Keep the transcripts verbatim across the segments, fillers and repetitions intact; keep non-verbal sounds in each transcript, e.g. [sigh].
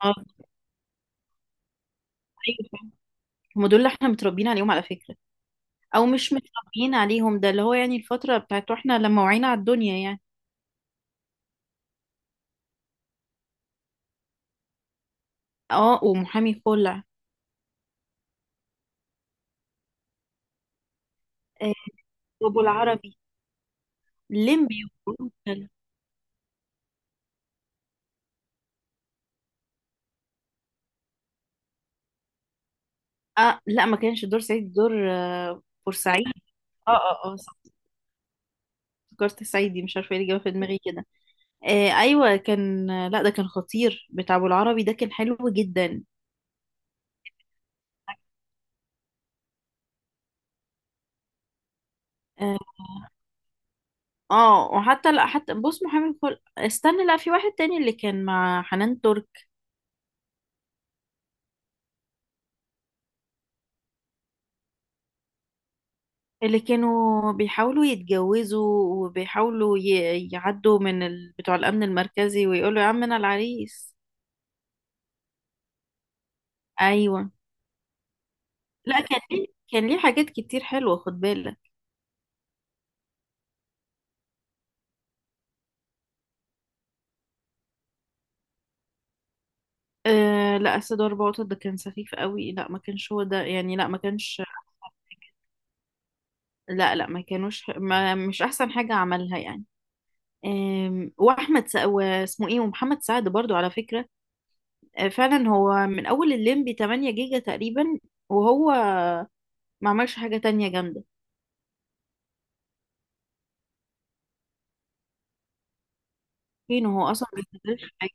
اه ايوه فعلا. هم دول اللي احنا متربيين عليهم على فكرة، او مش متربيين عليهم. ده اللي هو يعني الفترة بتاعت واحنا لما وعينا على الدنيا يعني. اه، ومحامي خلع، آه، وابو العربي ليمبي وبوحة. اه لا، ما كانش دور سعيد، دور آه، بورسعيد. اه اه اه صح، افتكرت سعيدي، مش عارفه ايه اللي جه في دماغي كده. آه ايوه كان، لا ده كان خطير، بتاع ابو العربي ده كان حلو جدا. اه آه، وحتى لا حتى بص، محامي خلع، استنى، لا في واحد تاني اللي كان مع حنان ترك، اللي كانوا بيحاولوا يتجوزوا وبيحاولوا ي- يعدوا من ال... بتوع الأمن المركزي ويقولوا يا عم أنا العريس. أيوة، لا كان ليه، كان ليه حاجات كتير حلوة خد بالك. أه لا، أسد وأربع قطط ده كان سخيف قوي، لا ما كانش هو ده يعني، لا ما كانش. لا لا، ما كانوش، ما مش أحسن حاجة عملها يعني. أم، واحمد سا... واسمه ايه، ومحمد سعد برضو على فكرة. أه، فعلا هو من اول الليمبي تمانية جيجا تقريبا، وهو ما عملش حاجة تانية جامدة. فين هو اصلا؟ ما بيشتغلش حاجه.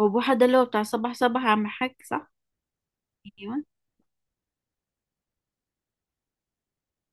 هو بوحة ده اللي هو بتاع صباح صباح يا عم حاج، صح؟ ايوه.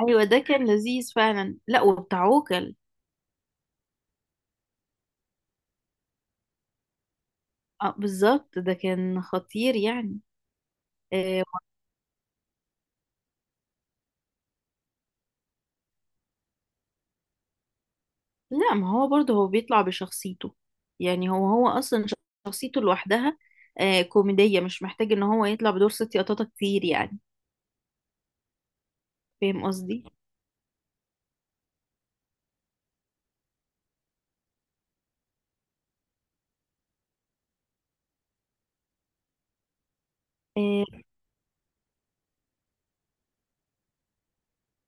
ايوه ده كان لذيذ فعلا، لا وبتاع عوكل. اه بالظبط ده كان خطير يعني. آه لا، ما هو برضه هو بيطلع بشخصيته يعني، هو هو اصلا شخصيته لوحدها. آه كوميديه، مش محتاج ان هو يطلع بدور ست قطاطه كتير يعني. فاهم قصدي؟ آه،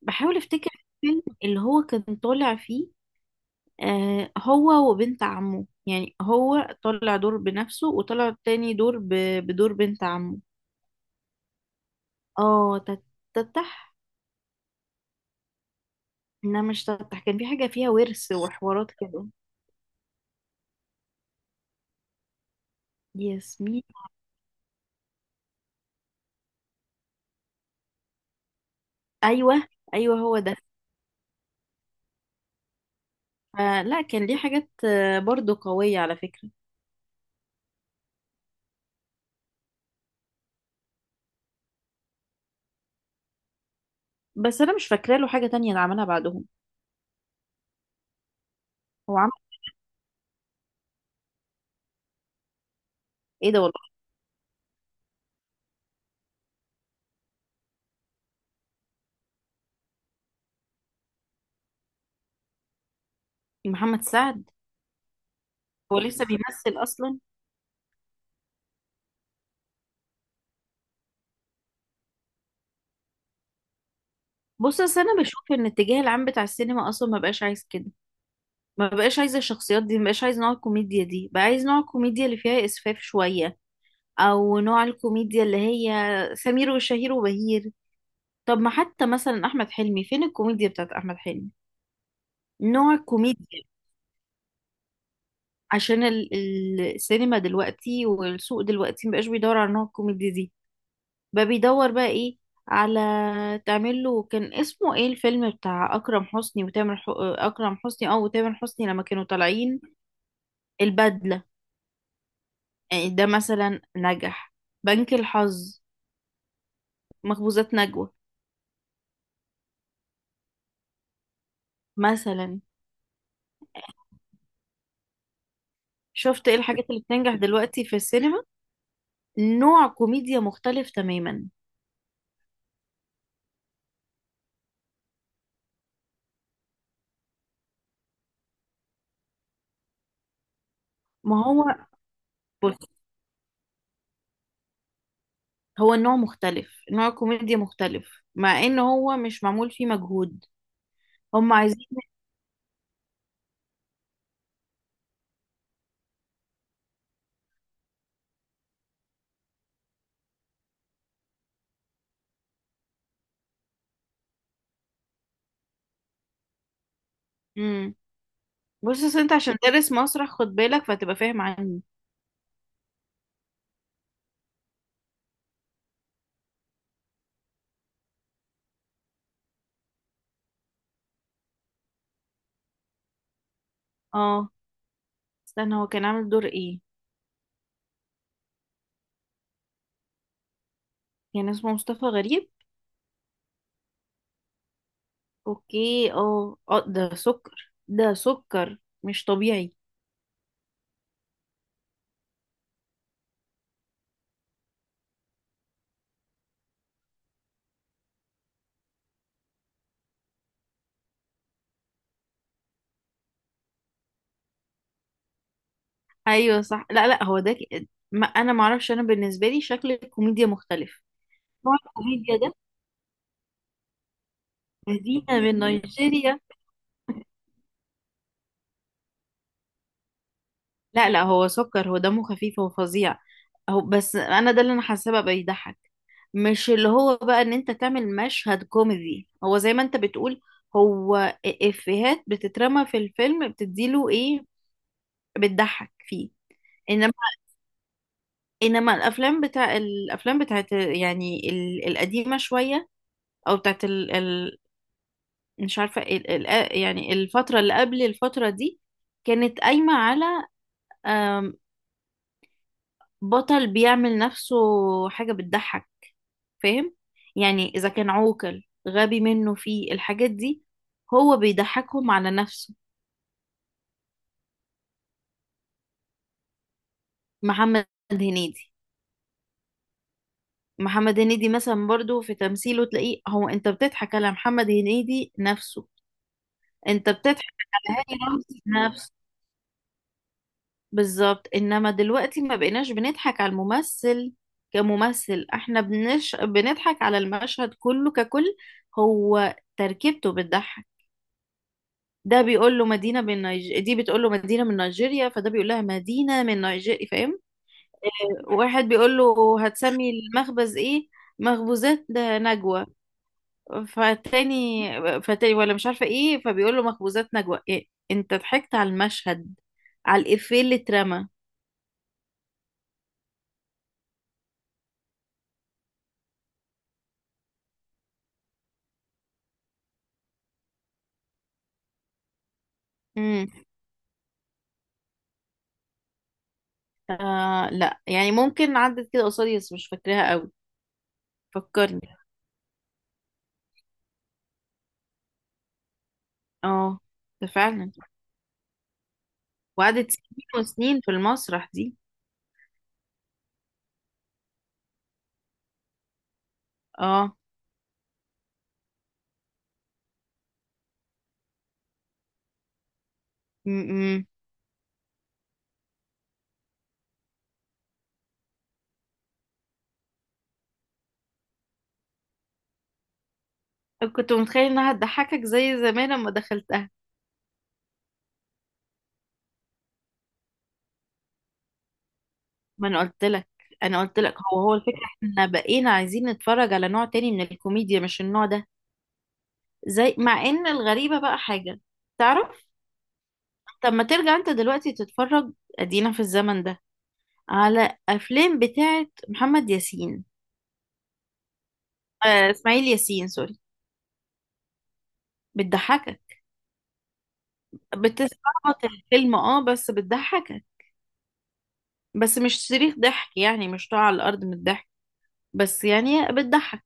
بحاول افتكر الفيلم اللي هو كان طالع فيه. آه، هو وبنت عمه، يعني هو طلع دور بنفسه وطلع تاني دور ب... بدور بنت عمه. اه تت- تتح. لا مش تتح، كان في حاجة فيها ورث وحوارات كده. ياسمين. ايوه، ايوه هو ده. فلا كان ليه حاجات آه، برضو قوية على فكرة. بس انا مش فاكرة له حاجة تانية اللي عملها بعدهم. هو عمل ايه ده والله؟ محمد سعد هو لسه بيمثل اصلا؟ بص اصل انا بشوف ان الاتجاه العام بتاع السينما اصلا ما بقاش عايز كده. ما بقاش عايزة الشخصيات دي، ما بقاش عايزة نوع الكوميديا دي، بقى عايز نوع الكوميديا اللي فيها إسفاف شوية، أو نوع الكوميديا اللي هي سمير وشهير وبهير. طب ما حتى مثلا أحمد حلمي، فين الكوميديا بتاعت أحمد حلمي، نوع الكوميديا، عشان ال- ال- السينما دلوقتي والسوق دلوقتي مبقاش بيدور على نوع الكوميديا دي. بقى بيدور بقى إيه؟ على تعمل له، كان اسمه ايه الفيلم بتاع أكرم حسني وتامر ح... أكرم حسني أو تامر حسني لما كانوا طالعين، البدلة. يعني ده مثلا نجح، بنك الحظ، مخبوزات نجوى مثلا. شفت ايه الحاجات اللي بتنجح دلوقتي في السينما؟ نوع كوميديا مختلف تماما. ما هو بص، هو النوع مختلف، نوع كوميديا مختلف، مع ان هو مش معمول فيه مجهود. هم عايزين. امم، بص أصل انت عشان دارس مسرح خد بالك، فتبقى فاهم عني. اه، استنى، هو كان عامل دور ايه؟ كان اسمه مصطفى غريب. اوكي اه اه، ده سكر، ده سكر مش طبيعي. ايوه صح، لا لا هو ده ك- ما انا ما اعرفش، انا بالنسبه لي شكل الكوميديا مختلف، نوع الكوميديا ده. مدينه من نيجيريا. لا لا، هو سكر، هو دمه خفيف، هو فظيع. هو بس انا ده اللي انا حاسه بقى بيضحك، مش اللي هو بقى ان انت تعمل مشهد كوميدي. هو زي ما انت بتقول، هو افيهات بتترمى في الفيلم، بتديله ايه، بتضحك فيه. انما انما الافلام بتاع الافلام بتاعت يعني ال- القديمه شويه، او بتاعت مش عارفة إيه، ال- ال- آه، يعني الفترة اللي قبل الفترة دي كانت قايمة على آم، بطل بيعمل نفسه حاجة بتضحك. فاهم يعني؟ إذا كان عوكل غبي منه في الحاجات دي، هو بيضحكهم على نفسه. محمد هنيدي، محمد هنيدي مثلا برضو في تمثيله تلاقيه، هو انت بتضحك على محمد هنيدي نفسه. انت بتضحك على هاني رمزي نفسه. بالظبط، انما دلوقتي ما بقيناش بنضحك على الممثل كممثل، احنا بنش... بنضحك على المشهد كله ككل. هو تركيبته بتضحك. ده بيقول له مدينة من نيج... دي بتقول له مدينة من نيجيريا، فده بيقول لها مدينة من نيجيريا. فاهم؟ واحد بيقول له هتسمي المخبز ايه، مخبوزات نجوى، فالتاني فالتاني ولا مش عارفة ايه، فبيقول له مخبوزات نجوى إيه؟ انت ضحكت على المشهد، على الإفيه اللي اترمى. إمم. آه لا، يعني ممكن عدت كده قصادي بس مش فاكراها قوي. فكرني. اه، ده فعلا. وقعدت سنين وسنين في المسرح دي. اه. م -م. كنت متخيل انها هتضحكك زي زمان لما دخلتها. ما انا قلت لك، انا قلت لك، هو هو الفكره احنا بقينا عايزين نتفرج على نوع تاني من الكوميديا، مش النوع ده. زي مع ان الغريبه بقى حاجه، تعرف، طب ما ترجع انت دلوقتي تتفرج، ادينا في الزمن ده، على افلام بتاعت محمد ياسين، آه اسماعيل ياسين، سوري. بتضحكك، بتستعبط الفيلم اه، بس بتضحكك، بس مش صريخ ضحك يعني، مش طالع على الارض من الضحك، بس يعني بتضحك.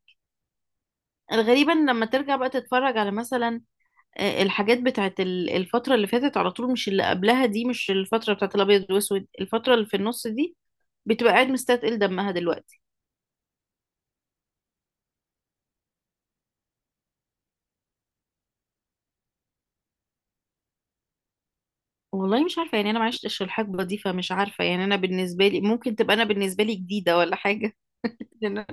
غريبا لما ترجع بقى تتفرج على مثلا آه، الحاجات بتاعت ال- الفترة اللي فاتت على طول، مش اللي قبلها دي، مش الفترة بتاعت الأبيض والأسود، الفترة اللي في النص دي، بتبقى قاعد مستثقل دمها دلوقتي. والله مش عارفة يعني، أنا ما عشتش الحقبة دي، فمش عارفة يعني، أنا بالنسبة لي ممكن تبقى، أنا بالنسبة لي جديدة ولا حاجة. [laughs] لأن أنا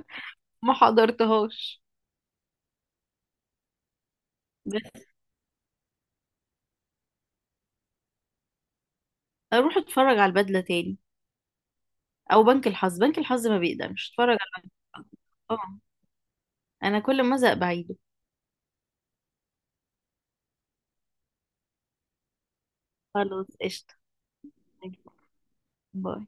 ما حضرتهاش. بس أروح أتفرج على البدلة تاني، او بنك الحظ. بنك الحظ ما بيقدمش، اتفرج على اه. انا كل ما ازهق بعيده. خلاص قشطه. باي.